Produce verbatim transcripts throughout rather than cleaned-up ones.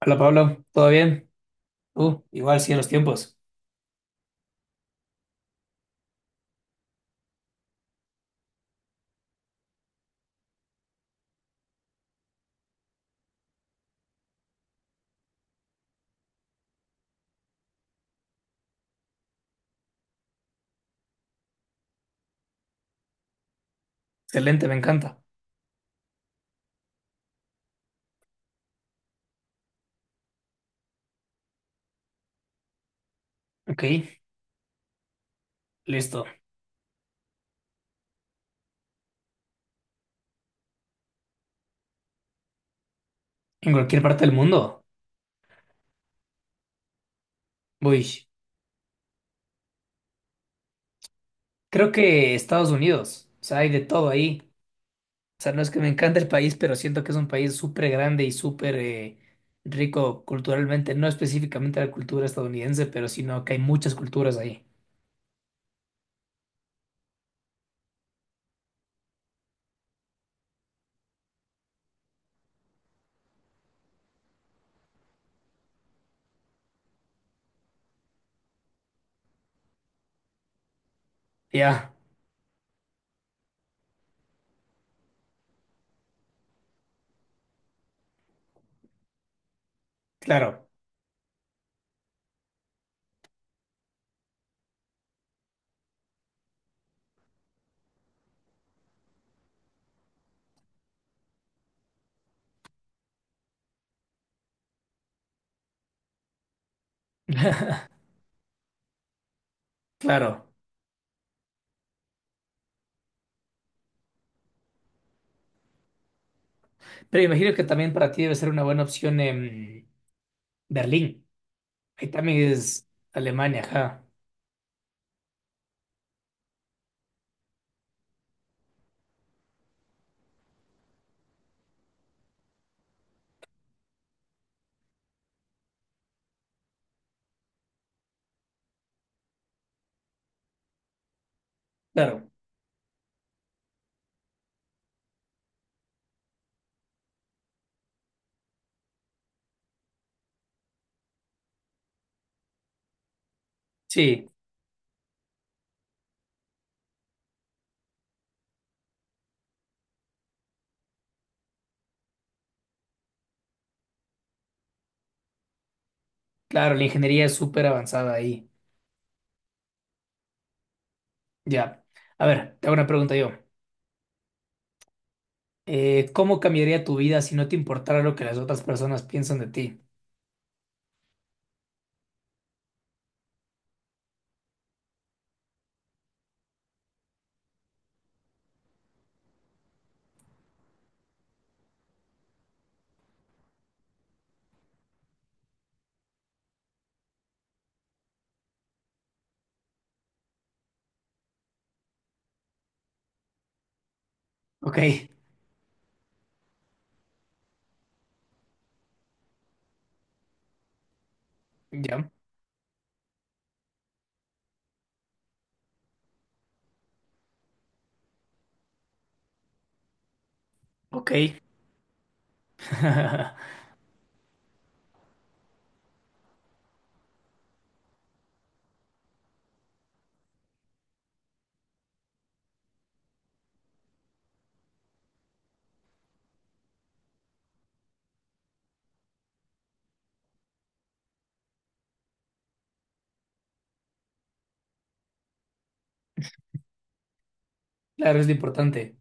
Hola Pablo, ¿todo bien? Uh, igual sí en los tiempos. Excelente, me encanta. Ok, listo. En cualquier parte del mundo. Uy, creo que Estados Unidos. O sea, hay de todo ahí. O sea, no es que me encante el país, pero siento que es un país súper grande y súper eh, rico culturalmente. No específicamente la cultura estadounidense, pero sino que hay muchas culturas ahí. Ya, claro, claro. Pero imagino que también para ti debe ser una buena opción en Berlín. Ahí también es Alemania, ajá. Claro. Sí, claro, la ingeniería es súper avanzada ahí. Ya. A ver, te hago una pregunta yo. Eh, ¿cómo cambiaría tu vida si no te importara lo que las otras personas piensan de ti? Ok, ya. Ok. Claro, es lo importante.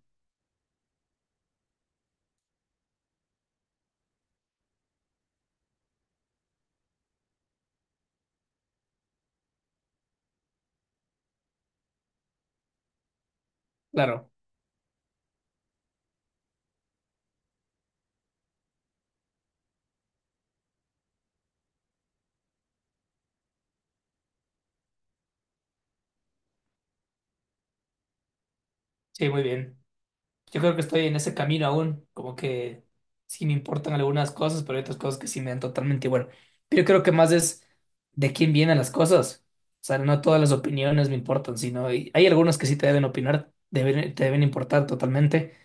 Claro. Sí, muy bien. Yo creo que estoy en ese camino aún, como que sí me importan algunas cosas, pero hay otras cosas que sí me dan totalmente igual. Pero yo creo que más es de quién vienen las cosas. O sea, no todas las opiniones me importan, sino y hay algunos que sí te deben opinar, deben- te deben importar totalmente,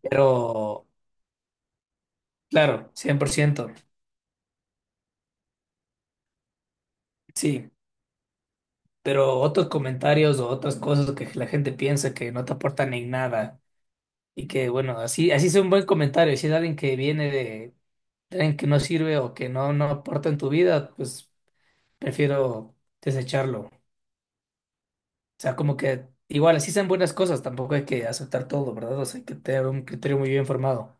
pero claro, cien por ciento sí. Pero otros comentarios o otras cosas que la gente piensa que no te aportan en nada y que, bueno, así, así es un buen comentario, si es alguien que viene de tren que no sirve o que no, no aporta en tu vida, pues prefiero desecharlo. O sea, como que igual, así sean buenas cosas, tampoco hay que aceptar todo, ¿verdad? O sea, hay que tener un criterio muy bien formado.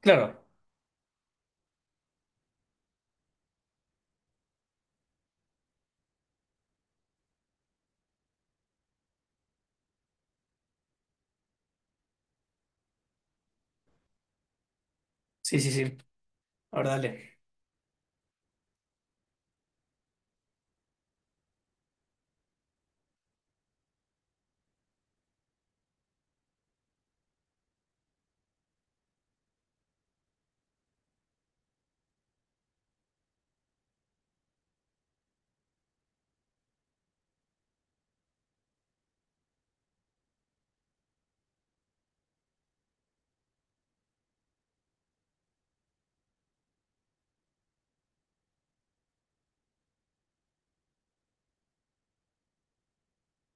Claro, sí, sí, sí. Ahora dale.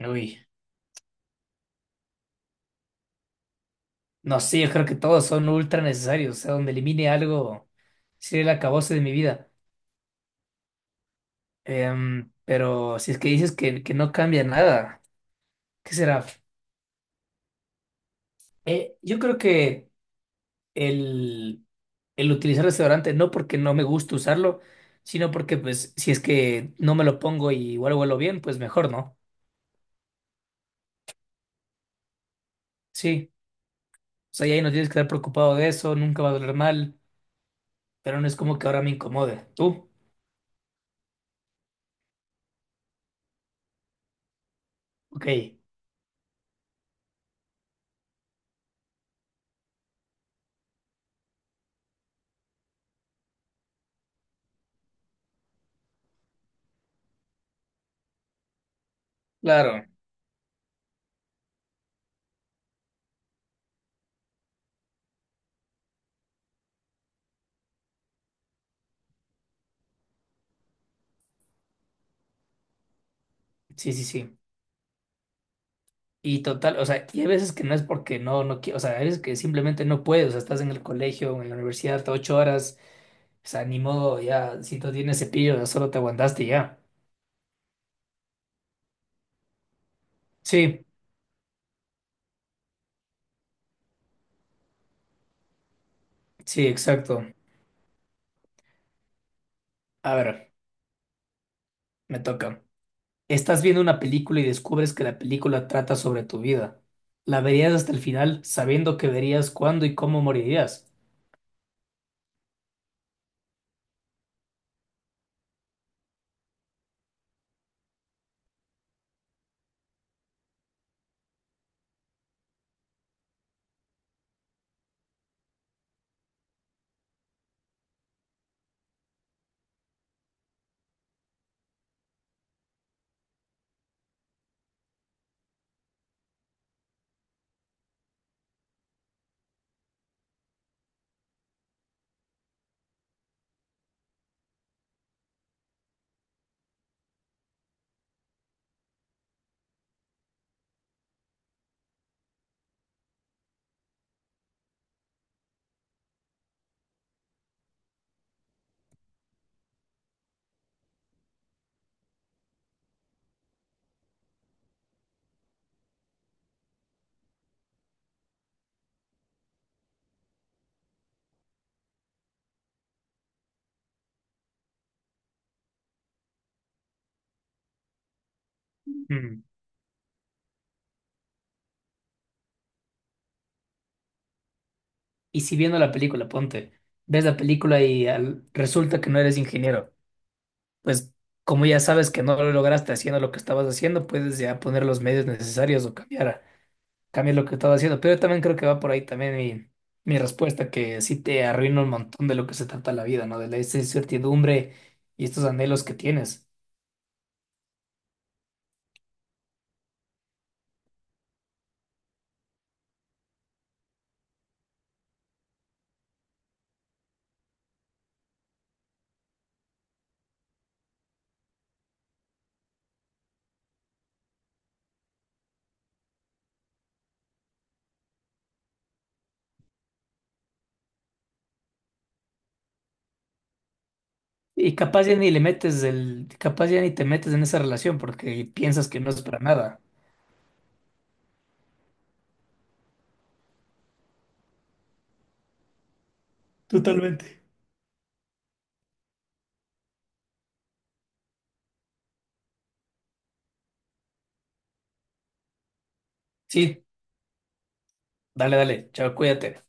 Uy, no, sí, yo creo que todos son ultra necesarios. O sea, donde elimine algo, sería el acabose de mi vida. Em, pero si es que dices que, que no cambia nada, ¿qué será? Eh, yo creo que el, el utilizar desodorante, no porque no me gusta usarlo, sino porque pues si es que no me lo pongo y igual huelo bien, pues mejor, ¿no? Sí, o sea, y ahí no tienes que estar preocupado de eso, nunca va a doler mal, pero no es como que ahora me incomode. ¿Tú? Ok, claro, sí, sí, sí. Y total, o sea, y hay veces que no es porque no, no quiero, o sea, hay veces que simplemente no puedes, o sea, estás en el colegio, en la universidad, ocho horas, o sea, ni modo, ya, si no tienes cepillo, ya solo te aguantaste y ya. Sí, sí, exacto. A ver. Me toca. Estás viendo una película y descubres que la película trata sobre tu vida. La verías hasta el final, sabiendo que verías cuándo y cómo morirías. Mm. Y si viendo la película, ponte, ves la película y al- resulta que no eres ingeniero, pues como ya sabes que no lo lograste haciendo lo que estabas haciendo, puedes ya poner los medios necesarios o cambiar, cambiar lo que estabas haciendo. Pero yo también creo que va por ahí también mi, mi respuesta, que sí te arruina un montón de lo que se trata la vida, ¿no? De la esa incertidumbre y estos anhelos que tienes. Y capaz ya ni le metes el, capaz ya ni te metes en esa relación porque piensas que no es para nada. Totalmente. Sí, dale, dale, chao, cuídate.